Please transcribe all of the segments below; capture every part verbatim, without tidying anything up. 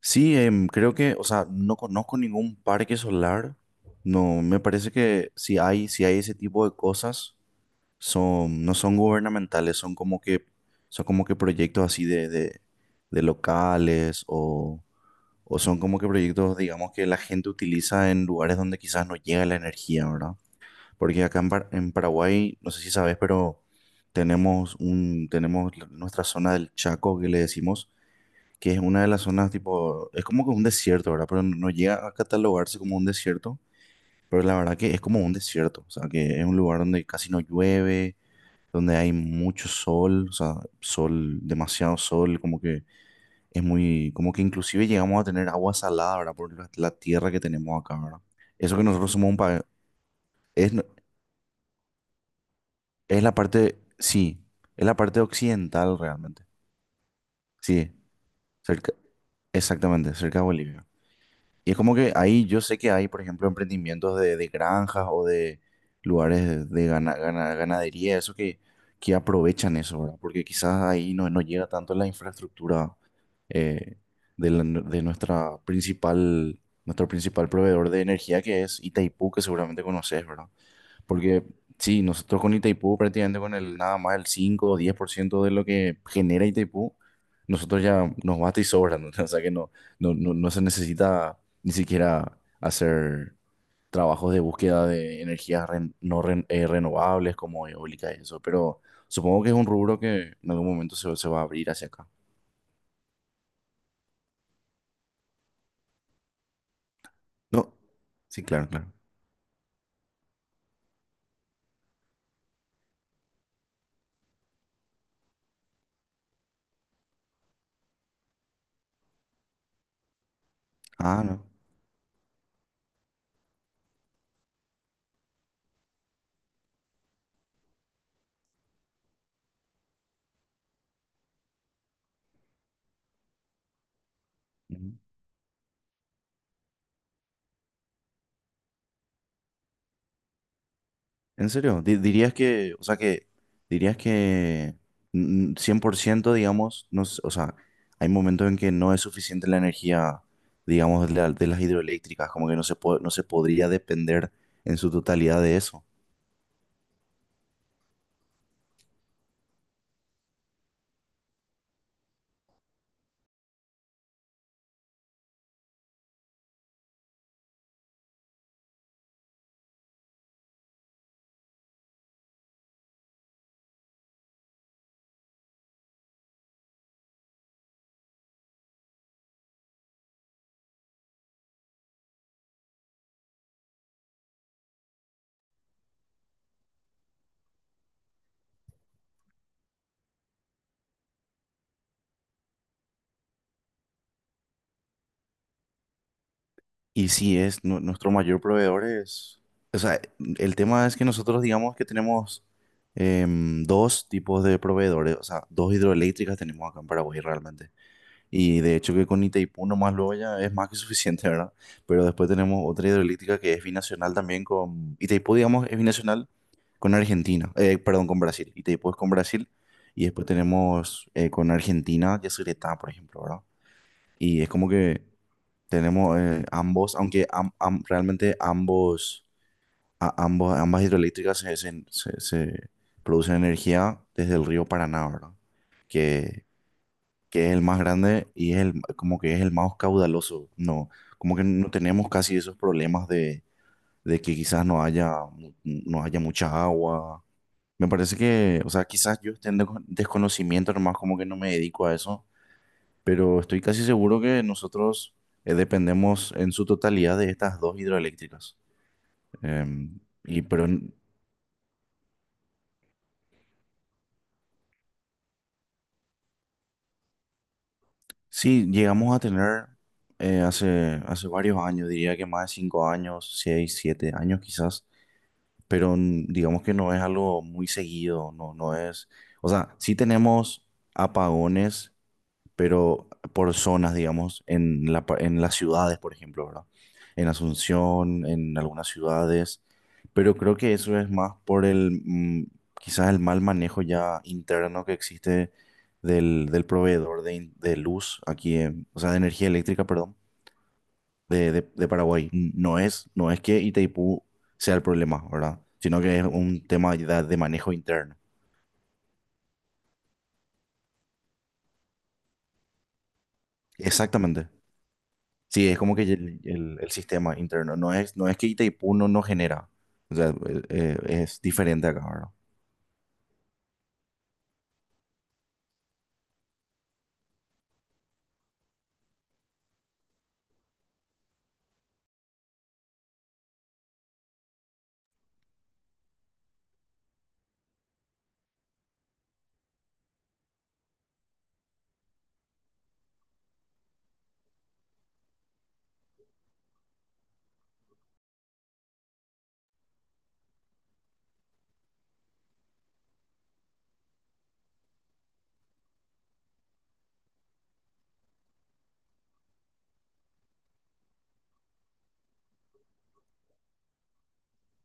Sí, em, creo que, o sea, no conozco ningún parque solar. No, me parece que si hay, si hay ese tipo de cosas, son, no son gubernamentales, son como que, son como que proyectos así de, de, de locales o, o son como que proyectos, digamos, que la gente utiliza en lugares donde quizás no llega la energía, ¿verdad? Porque acá en, Par- en Paraguay, no sé si sabes, pero tenemos un, tenemos nuestra zona del Chaco que le decimos que es una de las zonas tipo, es como que un desierto, ¿verdad? Pero no llega a catalogarse como un desierto, pero la verdad que es como un desierto, o sea, que es un lugar donde casi no llueve, donde hay mucho sol, o sea, sol, demasiado sol, como que es muy, como que inclusive llegamos a tener agua salada, ¿verdad? Por la, la tierra que tenemos acá, ¿verdad? Eso que nosotros somos un país, es, no- es la parte, sí, es la parte occidental realmente, sí, cerca, exactamente, cerca de Bolivia. Y es como que ahí yo sé que hay, por ejemplo, emprendimientos de, de granjas o de lugares de gana- gana- ganadería, eso que, que aprovechan eso, ¿verdad? Porque quizás ahí no, no llega tanto la infraestructura eh, de, la- de nuestra principal, nuestro principal proveedor de energía que es Itaipú, que seguramente conoces, ¿verdad? Porque sí, nosotros con Itaipú prácticamente con el nada más el cinco o diez por ciento de lo que genera Itaipú, nosotros ya nos basta y sobra, ¿no? O sea que no, no, no, no se necesita ni siquiera hacer trabajos de búsqueda de energías ren- no ren- eh, renovables como eólica y eso, pero supongo que es un rubro que en algún momento se, se va a abrir hacia acá. No, sí, claro, claro. Ah, no. ¿En serio? Di- dirías que, o sea que, dirías que mm, mm, cien por ciento, digamos, no, s- o sea, hay momentos en que no es suficiente la energía, digamos, de, la- de las hidroeléctricas, como que no se po- no se podría depender en su totalidad de eso. Y si es nu- nuestro mayor proveedor es, o sea, el tema es que nosotros digamos que tenemos em, dos tipos de proveedores, o sea, dos hidroeléctricas tenemos acá en Paraguay realmente. Y de hecho que con Itaipú nomás luego ya es más que suficiente, ¿verdad? Pero después tenemos otra hidroeléctrica que es binacional también con... Itaipú, digamos, es binacional con Argentina, eh, perdón, con Brasil. Itaipú es con Brasil y después tenemos eh, con Argentina Yacyretá, por ejemplo, ¿verdad? Y es como que tenemos eh, ambos, aunque am- am- realmente ambos, a- ambos, ambas hidroeléctricas se, se, se- se producen energía desde el río Paraná, ¿verdad? Que que es el más grande y es el, como que es el más caudaloso. No, como que no tenemos casi esos problemas de, de que quizás no haya, mu- no haya mucha agua. Me parece que, o sea, quizás yo esté en desco- desconocimiento nomás, como que no me dedico a eso, pero estoy casi seguro que nosotros eh, dependemos en su totalidad de estas dos hidroeléctricas. Em, y, pero en- sí, llegamos a tener eh, hace, hace varios años, diría que más de cinco años, seis, siete años quizás pero n- digamos que no es algo muy seguido, no, no es, o sea, sí tenemos apagones, pero por zonas, digamos, en la, pa- en las ciudades, por ejemplo, ¿verdad? En Asunción, en algunas ciudades, pero creo que eso es más por el, mm, quizás el mal manejo ya interno que existe del, del proveedor de, in- de luz aquí, en- o sea, de energía eléctrica, perdón de, de- de Paraguay. No es, no es que Itaipú sea el problema, ¿verdad? Sino que es un tema de, de manejo interno. Exactamente. Sí, es como que el, el- el sistema interno. No es, no es que Itaipú no, no genera. O sea, eh, eh, es diferente acá, ¿verdad?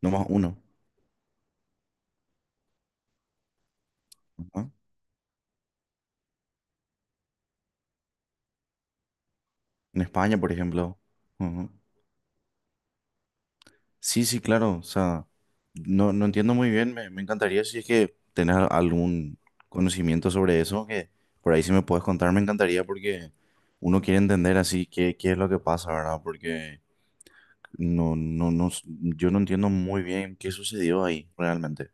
Nomás uno. Ajá. En España, por ejemplo. Ujú. Sí, sí, claro. O sea, no, no entiendo muy bien. Me, me encantaría si es que tenés al- algún conocimiento sobre eso, que por ahí si me puedes contar, me encantaría porque uno quiere entender así qué, qué es lo que pasa, ¿verdad? Porque no, no, no, s- yo no entiendo muy bien qué sucedió ahí realmente.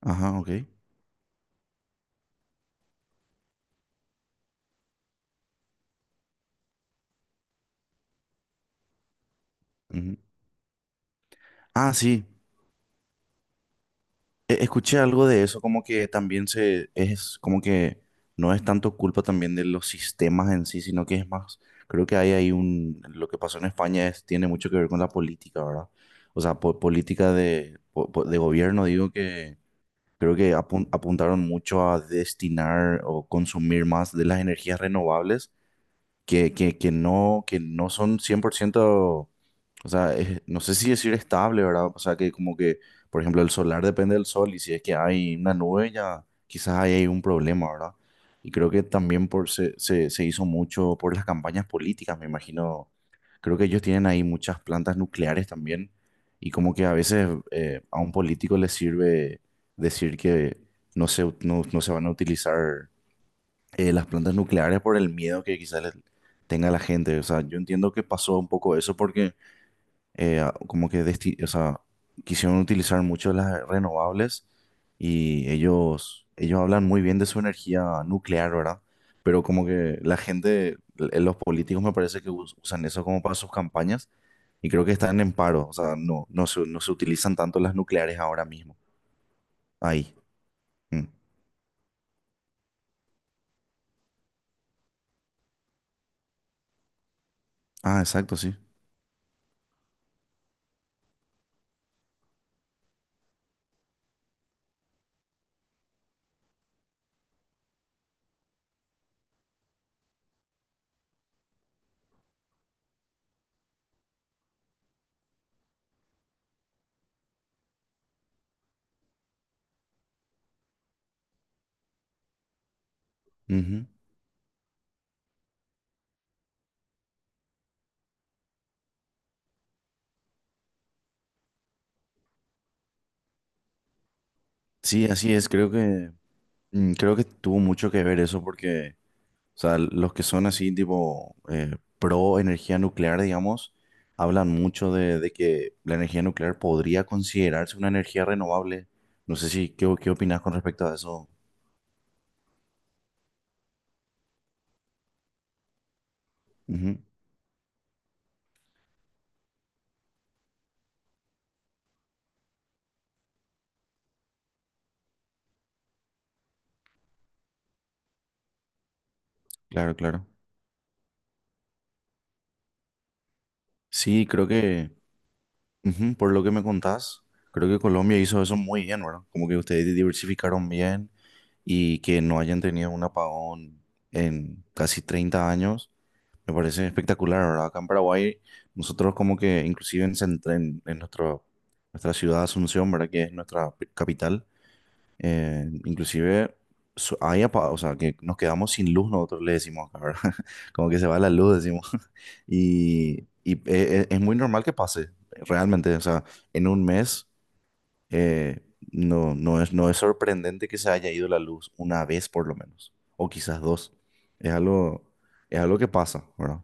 Ajá, ok. Ujú. Ah, sí. E- Escuché algo de eso, como que también se es como que no es tanto culpa también de los sistemas en sí, sino que es más, creo que hay ahí un, lo que pasó en España es, tiene mucho que ver con la política, ¿verdad? O sea, po- política de, po- po- de gobierno, digo que creo que apun- apuntaron mucho a destinar o consumir más de las energías renovables que, que, que no, que no son cien por ciento, o sea, es- no sé si decir estable, ¿verdad? O sea, que como que, por ejemplo, el solar depende del sol y si es que hay una nube, ya quizás ahí hay un problema, ¿verdad? Y creo que también por, se, se, se hizo mucho por las campañas políticas, me imagino. Creo que ellos tienen ahí muchas plantas nucleares también y como que a veces eh, a un político le sirve decir que no se, no no se van a utilizar eh, las plantas nucleares por el miedo que quizás les tenga la gente. O sea, yo entiendo que pasó un poco eso porque eh, a- como que desti- o sea, quisieron utilizar mucho las renovables y ellos, ellos hablan muy bien de su energía nuclear, ¿verdad? Pero como que la gente, l- eh, los políticos me parece que us- usan eso como para sus campañas y creo que están en paro. O sea, no, no se, no se utilizan tanto las nucleares ahora mismo. Ahí. Mm. Ah, exacto, sí. Ujú. Sí, así es. Creo que Mm, Creo que tuvo mucho que ver eso porque, o sea, los que son así tipo eh, pro energía nuclear, digamos, hablan mucho de, de que la energía nuclear podría considerarse una energía renovable. No sé si, ¿qué, qué opinas con respecto a eso. Ujú, claro, claro. Sí, creo que, ujú, por lo que me contás, creo que Colombia hizo eso muy bien, ¿verdad? Como que ustedes diversificaron bien y que no hayan tenido un apagón en casi treinta años. Me parece espectacular, ¿verdad? Acá en Paraguay, nosotros como que inclusive en, Cent- en, en nuestro, nuestra ciudad Asunción, ¿verdad? Que es nuestra pi- capital, eh, inclusive so- hay apa- o sea, que nos quedamos sin luz, nosotros le decimos acá, ¿verdad? Como que se va la luz, decimos. Y, y e- e- es muy normal que pase, realmente, o sea, en un mes eh, no, no es, no es sorprendente que se haya ido la luz una vez por lo menos, o quizás dos. Es algo, es algo que pasa, ¿verdad?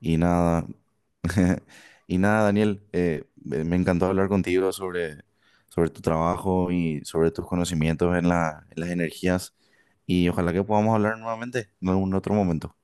Y nada, y nada, Daniel, eh, me me encantó hablar contigo sobre, sobre tu trabajo y sobre tus conocimientos en la- en las energías. Y ojalá que podamos hablar nuevamente en algún otro momento.